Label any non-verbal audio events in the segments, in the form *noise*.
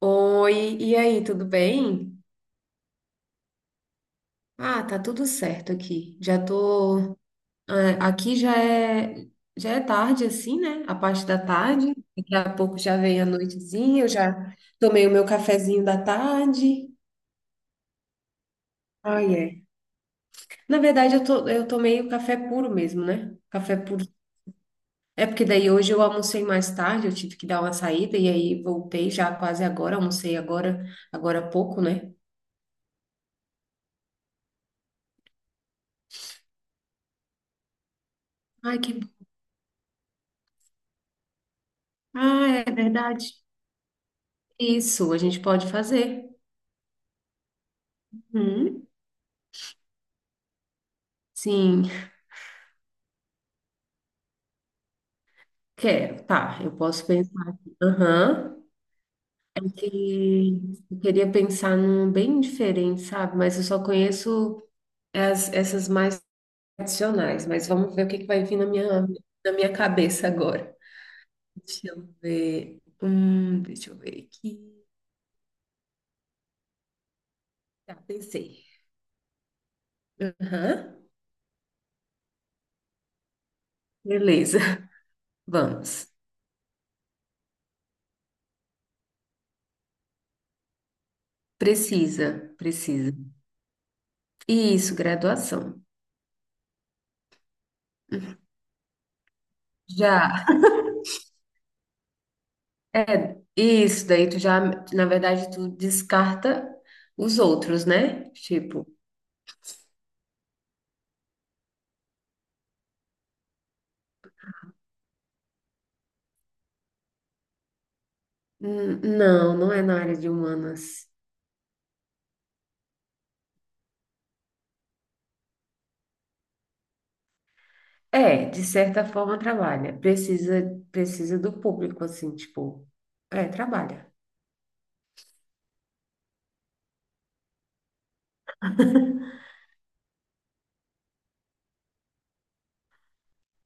Oi, e aí, tudo bem? Ah, tá tudo certo aqui. Já tô, aqui já é tarde assim, né? A parte da tarde. Daqui a pouco já vem a noitezinha, eu já tomei o meu cafezinho da tarde. Ah, é. Na verdade, eu tomei o café puro mesmo, né? Café puro. É porque daí hoje eu almocei mais tarde, eu tive que dar uma saída e aí voltei já quase agora, agora há pouco, né? Ai, que... Ah, é verdade. Isso, a gente pode fazer. Hum, sim, quero. Tá, eu posso pensar aqui. Aham. Porque eu queria pensar num bem diferente, sabe? Mas eu só conheço essas mais tradicionais. Mas vamos ver o que que vai vir na minha cabeça agora. Deixa eu ver. Deixa eu ver aqui. Tá, pensei. Aham. Beleza, *laughs* vamos. Precisa, precisa. Isso, graduação. Já. É, isso daí tu já, na verdade, tu descarta os outros, né? Tipo, não, não é na área de humanas. É, de certa forma trabalha. Precisa, precisa do público, assim, tipo, é, trabalha.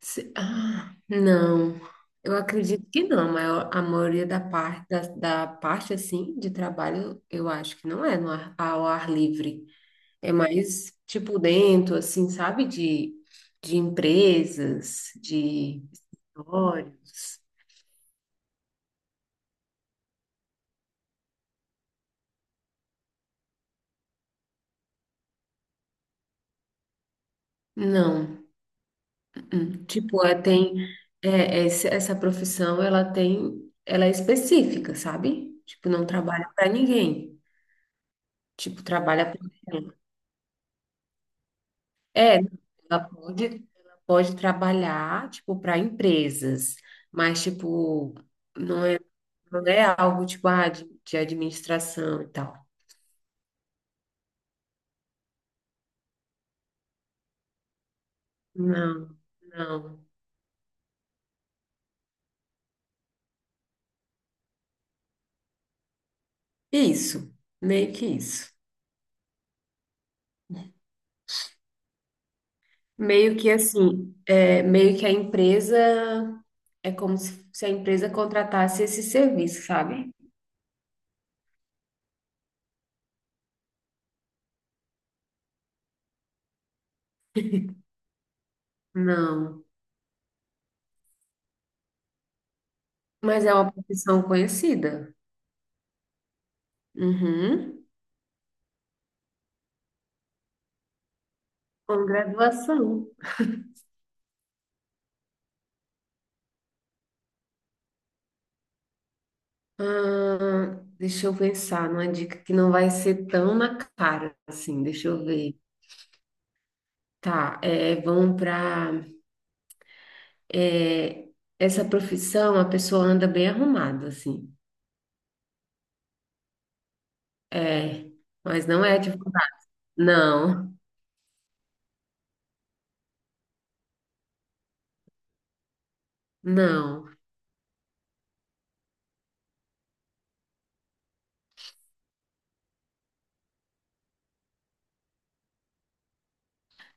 Não, eu acredito que não, mas a maioria da parte, da parte, assim, de trabalho, eu acho que não é no ar, ao ar livre. É mais, tipo, dentro, assim, sabe? De empresas, de escritórios. Não. Hum, tipo, é, tem... essa profissão, ela tem... Ela é específica, sabe? Tipo, não trabalha para ninguém. Tipo, trabalha para... É, ela pode trabalhar, tipo, para empresas, mas, tipo, não é, não é algo, tipo, ah, de administração e tal. Não, não. Isso, isso. Meio que assim, é, meio que a empresa é como se a empresa contratasse esse serviço, sabe? Não, mas é uma profissão conhecida. Uhum. Com graduação. Ah, deixa eu pensar numa dica que não vai ser tão na cara assim, deixa eu ver. Tá, é, vão para essa profissão, a pessoa anda bem arrumada, assim. É, mas não é advogado. Não. Não.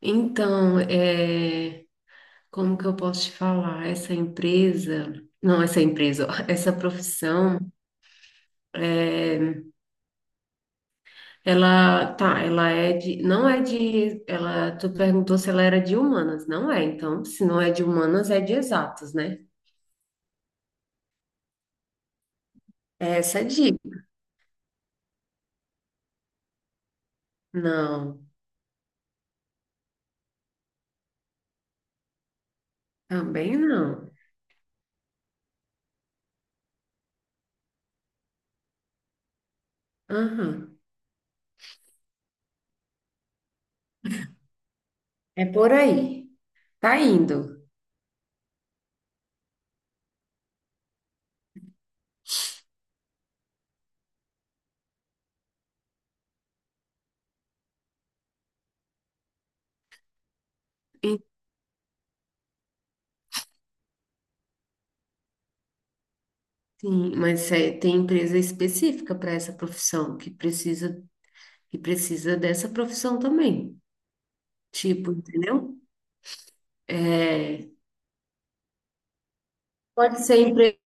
Então, é, como que eu posso te falar? Essa empresa, não, essa empresa, ó, *laughs* essa profissão, é, ela tá, ela é de, não é de, ela, tu perguntou se ela era de humanas, não é? Então, se não é de humanas, é de exatas, né? Essa é de, não, também não. Aham. É por aí. Tá indo. E- Sim, mas tem empresa específica para essa profissão que precisa dessa profissão também. Tipo, entendeu? É, pode ser empresa,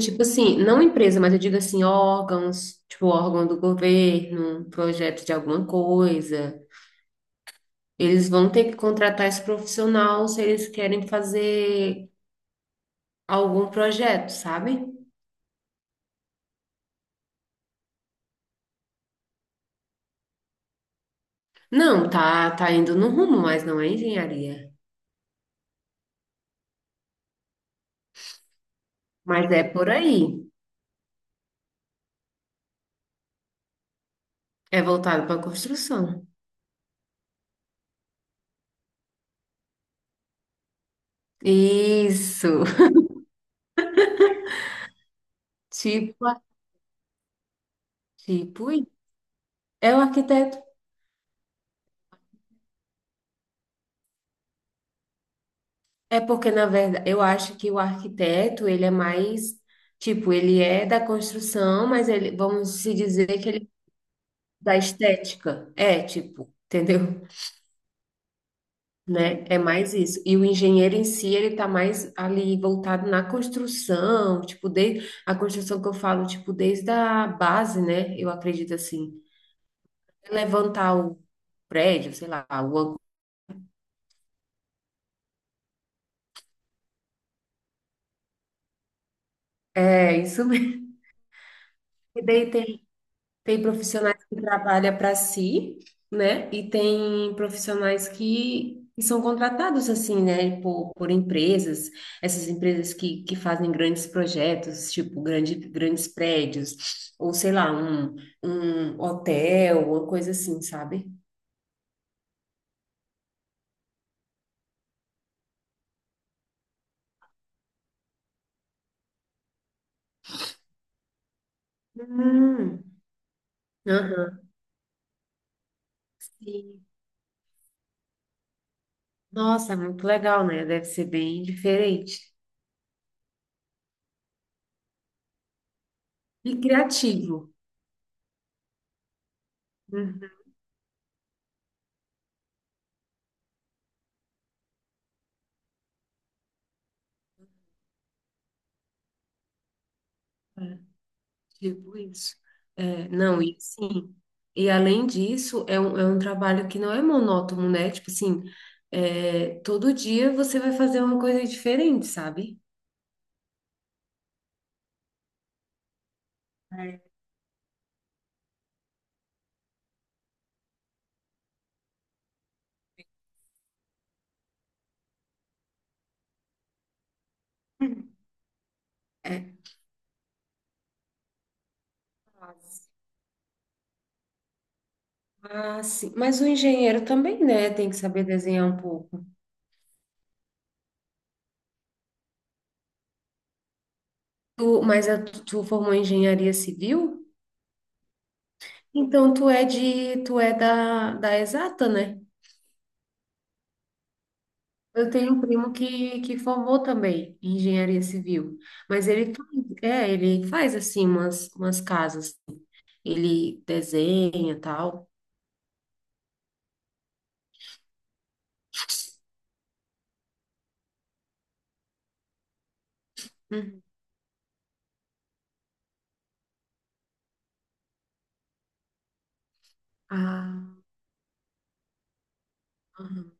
tipo assim, não empresa, mas eu digo assim, órgãos, tipo órgão do governo, um projeto de alguma coisa. Eles vão ter que contratar esse profissional se eles querem fazer algum projeto, sabe? Não, tá, tá indo no rumo, mas não é engenharia. Mas é por aí. É voltado para construção. Isso. *laughs* Tipo, tipo, isso. É o arquiteto. É porque, na verdade, eu acho que o arquiteto, ele é mais, tipo, ele é da construção, mas ele, vamos se dizer que ele é da estética. É, tipo, *laughs* entendeu? Né? É mais isso. E o engenheiro em si, ele tá mais ali voltado na construção, tipo, desde a construção que eu falo, tipo, desde a base, né? Eu acredito assim. Levantar o prédio, sei lá, o ângulo. É, isso mesmo. *laughs* E daí tem Tem profissionais que trabalham para si, né? E tem profissionais que são contratados assim, né? Por empresas, essas empresas que fazem grandes projetos, tipo grande, grandes prédios, ou sei lá, um hotel, uma coisa assim, sabe? Hum, aham, sim. Nossa, muito legal, né? Deve ser bem diferente e criativo. Uhum. Tipo isso. É, não, e sim. E além disso, é um trabalho que não é monótono, né? Tipo assim, é, todo dia você vai fazer uma coisa diferente, sabe? É. É. Ah, sim. Mas o engenheiro também, né? Tem que saber desenhar um pouco. Tu, mas a, tu tu formou em engenharia civil? Então tu é de, tu é da exata, né? Eu tenho um primo que formou também em engenharia civil, mas ele faz, é, ele faz assim umas, umas casas, ele desenha e tal. Uhum. Ah, aham.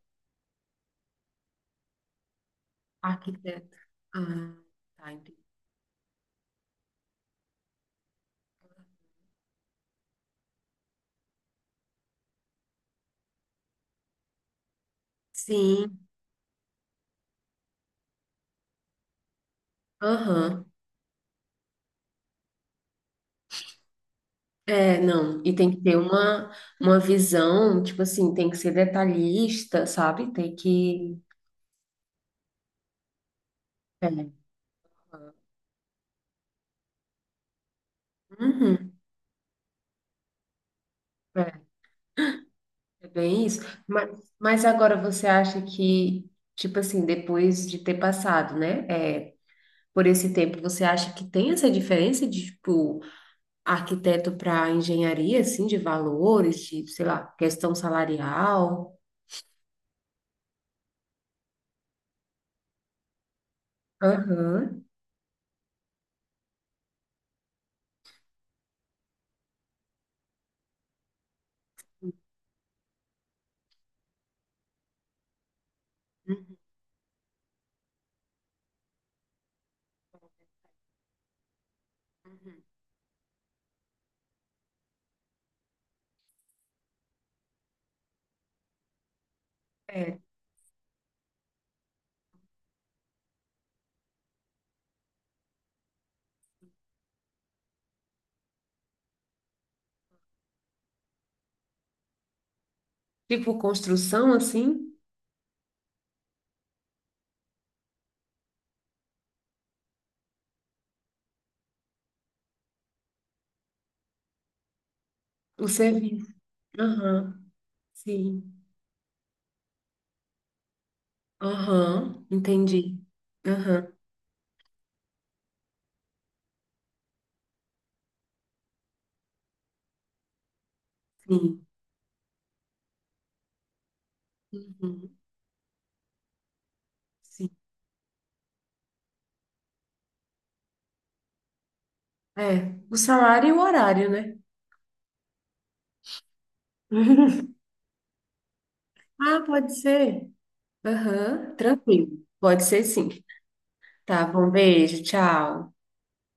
Arquiteto. Ah, tá, entendi. Sim, aham. É, não, e tem que ter uma visão, tipo assim, tem que ser detalhista, sabe? Tem que. É. Uhum. É bem isso. Mas, mas agora você acha que, tipo assim, depois de ter passado, né, é, por esse tempo, você acha que tem essa diferença de, tipo, arquiteto para engenharia, assim, de valores, de, sei lá, questão salarial? Aham. Uhum. É, tipo, construção, assim, o serviço. Aham, sim. Aham, entendi. Aham, sim. Uhum, sim. É, o salário e o horário, né? *laughs* Ah, pode ser. Aham, tranquilo. Pode ser sim. Tá bom, beijo, tchau.